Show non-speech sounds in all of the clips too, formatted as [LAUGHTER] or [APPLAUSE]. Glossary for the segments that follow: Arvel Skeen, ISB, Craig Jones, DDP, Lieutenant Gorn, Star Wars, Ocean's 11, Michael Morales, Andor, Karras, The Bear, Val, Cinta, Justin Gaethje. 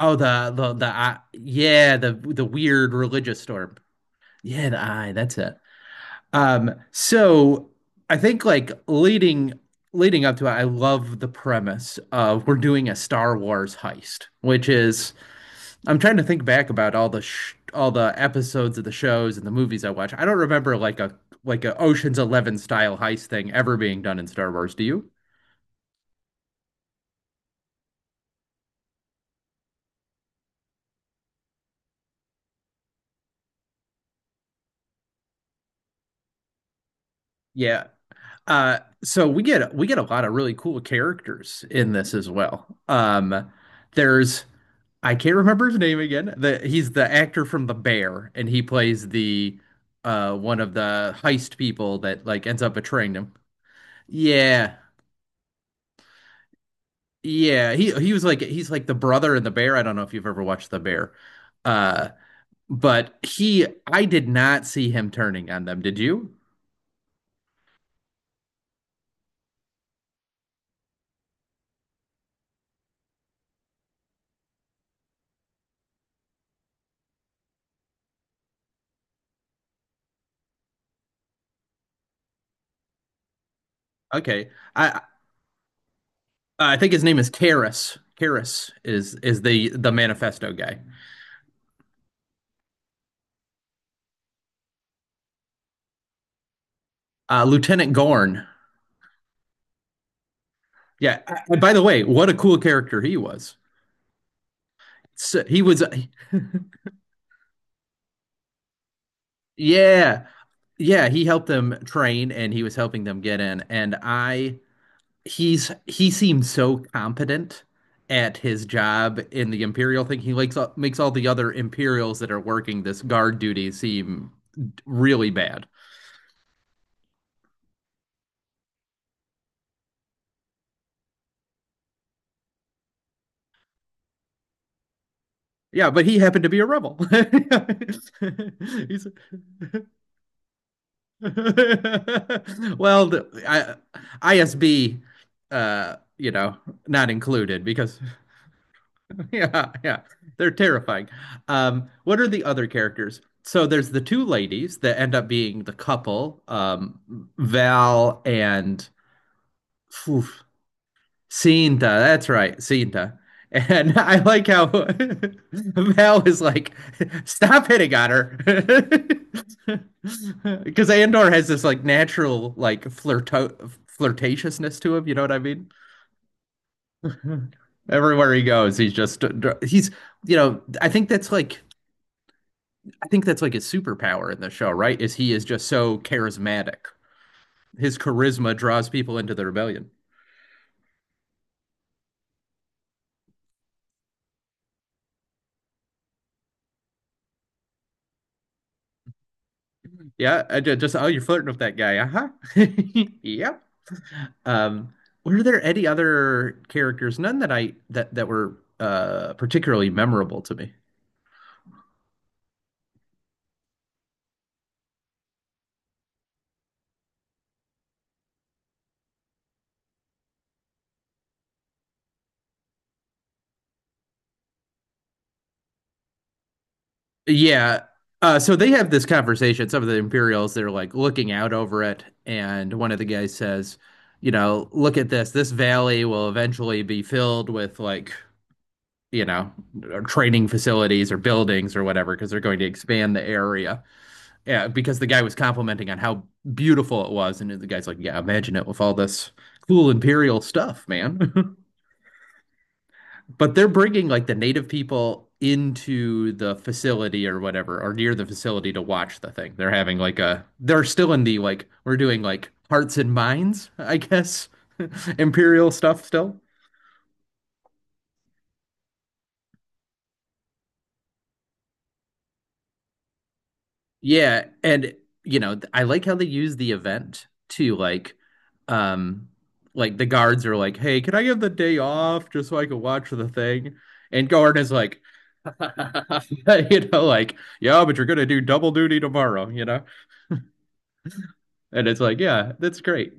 Oh, the eye, yeah, the weird religious storm. Yeah, the eye, that's it. So I think like leading up to it, I love the premise of we're doing a Star Wars heist, which is I'm trying to think back about all the sh all the episodes of the shows and the movies I watch. I don't remember like a Ocean's 11 style heist thing ever being done in Star Wars, do you? Yeah. Uh, so we get a lot of really cool characters in this as well. There's I can't remember his name again. The He's the actor from The Bear, and he plays the one of the heist people that like ends up betraying him. Yeah, yeah. He was like he's like the brother in The Bear. I don't know if you've ever watched The Bear, uh, but he I did not see him turning on them. Did you? Okay. I I think his name is Karras. Karras is the manifesto guy. Lieutenant Gorn. Yeah. And by the way, what a cool character he was. So he was, yeah, yeah. He helped them train, and he was helping them get in. And I he seems so competent at his job in the Imperial thing. He likes makes all the other Imperials that are working this guard duty seem really bad. Yeah, but he happened to be a rebel. [LAUGHS] [LAUGHS] Well, ISB, you know, not included because [LAUGHS] yeah, yeah. They're terrifying. What are the other characters? So there's the two ladies that end up being the couple, Val and oof, Cinta. That's right, Cinta. And [LAUGHS] I like how [LAUGHS] Val is like, stop hitting on her. [LAUGHS] Because Andor has this like natural like flirto flirtatiousness to him, you know what I mean? [LAUGHS] Everywhere he goes, he's just he's you know, I think that's like I think that's like his superpower in the show, right? Is he is just so charismatic. His charisma draws people into the rebellion. Yeah, I just oh, you're flirting with that guy. Uh-huh. [LAUGHS] Yep. Um, were there any other characters? None that I that were particularly memorable to me. Yeah. So they have this conversation. Some of the Imperials, they're like looking out over it. And one of the guys says, you know, look at this. This valley will eventually be filled with like, you know, training facilities or buildings or whatever, because they're going to expand the area. Yeah, because the guy was complimenting on how beautiful it was. And the guy's like, yeah, imagine it with all this cool Imperial stuff, man. [LAUGHS] But they're bringing like the native people into the facility or whatever, or near the facility to watch the thing. They're having like they're still in the like, we're doing like hearts and minds, I guess, [LAUGHS] imperial stuff still. Yeah. And, you know, I like how they use the event to um, like the guards are like, "Hey, can I get the day off just so I can watch the thing?" And Gordon is like, [LAUGHS] you know, like, "Yeah, but you're gonna do double duty tomorrow," you know. And it's like, "Yeah, that's great."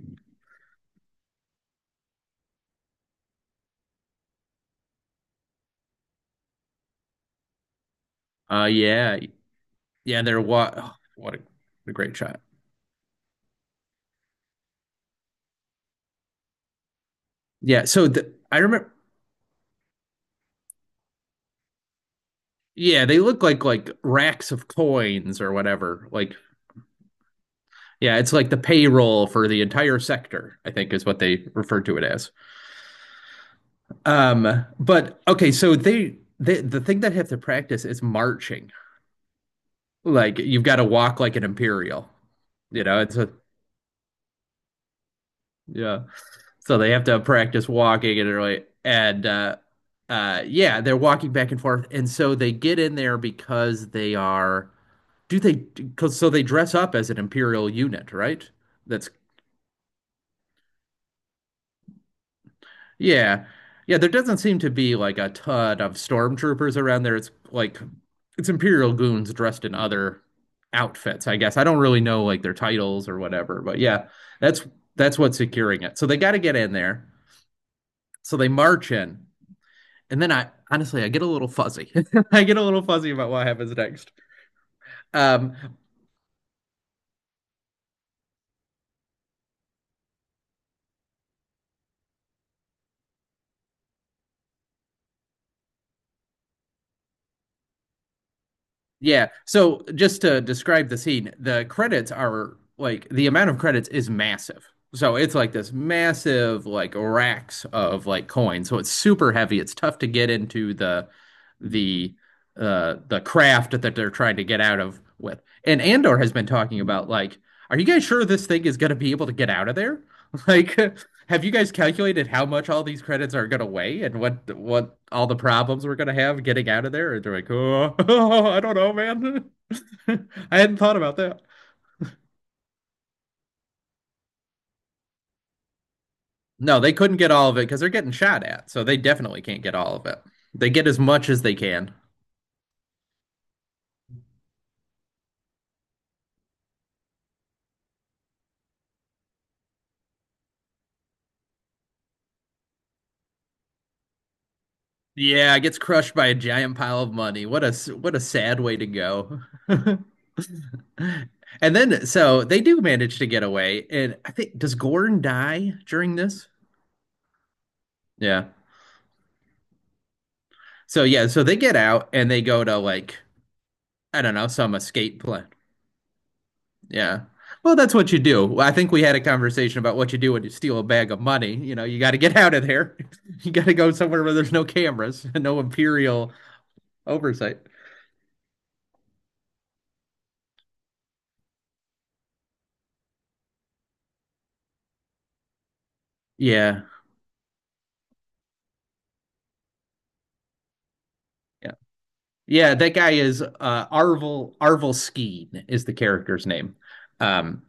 Yeah, yeah. They're what? What a great shot. Yeah. So I remember. Yeah, they look like racks of coins or whatever. Like, yeah, it's like the payroll for the entire sector. I think is what they refer to it as. But okay, so they the thing that have to practice is marching. Like you've got to walk like an imperial. You know, it's a yeah. So they have to practice walking and really, and uh yeah, they're walking back and forth and so they get in there because they are do they cuz so they dress up as an imperial unit, right? That's yeah. Yeah, there doesn't seem to be like a ton of stormtroopers around there. It's like it's Imperial goons dressed in other outfits, I guess. I don't really know like their titles or whatever, but yeah, that's that's what's securing it. So they got to get in there. So they march in. And then I honestly I get a little fuzzy. [LAUGHS] I get a little fuzzy about what happens next. Um, yeah. So just to describe the scene, the credits are like the amount of credits is massive. So it's like this massive like racks of like coins. So it's super heavy. It's tough to get into the the craft that they're trying to get out of with. And Andor has been talking about like, are you guys sure this thing is going to be able to get out of there? [LAUGHS] Like have you guys calculated how much all these credits are gonna weigh and what all the problems we're gonna have getting out of there? Or they're like, oh, [LAUGHS] I don't know, man. [LAUGHS] I hadn't thought about that. No, they couldn't get all of it because they're getting shot at, so they definitely can't get all of it. They get as much as they can. Yeah, it gets crushed by a giant pile of money. What a sad way to go. [LAUGHS] And then so they do manage to get away, and I think does Gordon die during this? Yeah. So yeah, so they get out and they go to like I don't know, some escape plan. Yeah. Well, that's what you do. Well, I think we had a conversation about what you do when you steal a bag of money. You know, you got to get out of there. [LAUGHS] You got to go somewhere where there's no cameras [LAUGHS] and no imperial oversight. Yeah. Yeah. Yeah, that guy is Arvel Skeen is the character's name. Um,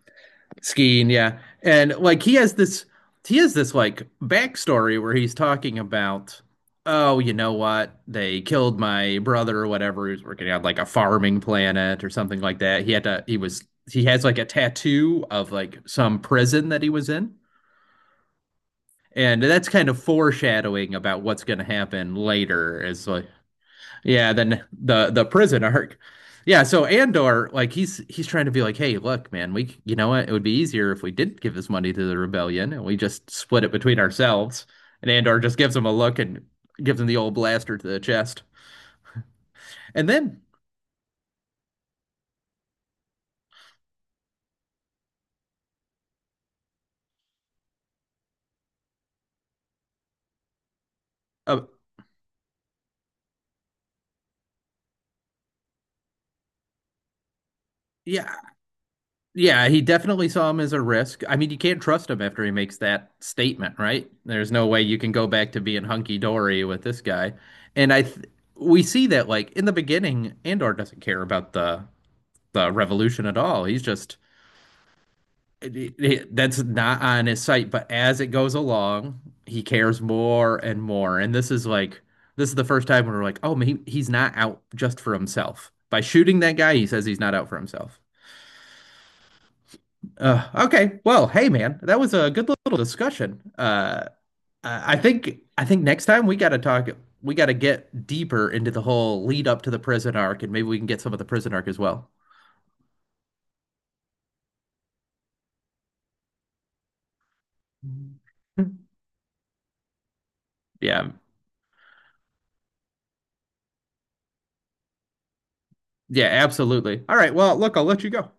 Skiing, yeah. And like he has this like backstory where he's talking about, oh, you know what? They killed my brother or whatever. He was working on like a farming planet or something like that. He had to he was he has like a tattoo of like some prison that he was in. And that's kind of foreshadowing about what's going to happen later is like yeah, then the prison arc. Yeah, so Andor, like he's trying to be like, hey, look, man, we you know what? It would be easier if we did not give this money to the rebellion and we just split it between ourselves. And Andor just gives him a look and gives him the old blaster to the chest. And then, uh, yeah, yeah, he definitely saw him as a risk. I mean, you can't trust him after he makes that statement, right? There's no way you can go back to being hunky dory with this guy. And we see that like in the beginning, Andor doesn't care about the revolution at all. He's just that's not on his site, but as it goes along, he cares more and more. And this is like this is the first time when we're like, oh, he's not out just for himself. By shooting that guy, he says he's not out for himself. Okay, well, hey man, that was a good little discussion. I think next time we got to talk. We got to get deeper into the whole lead up to the prison arc, and maybe we can get some of the prison arc as well. [LAUGHS] Yeah. Yeah, absolutely. All right. Well, look, I'll let you go.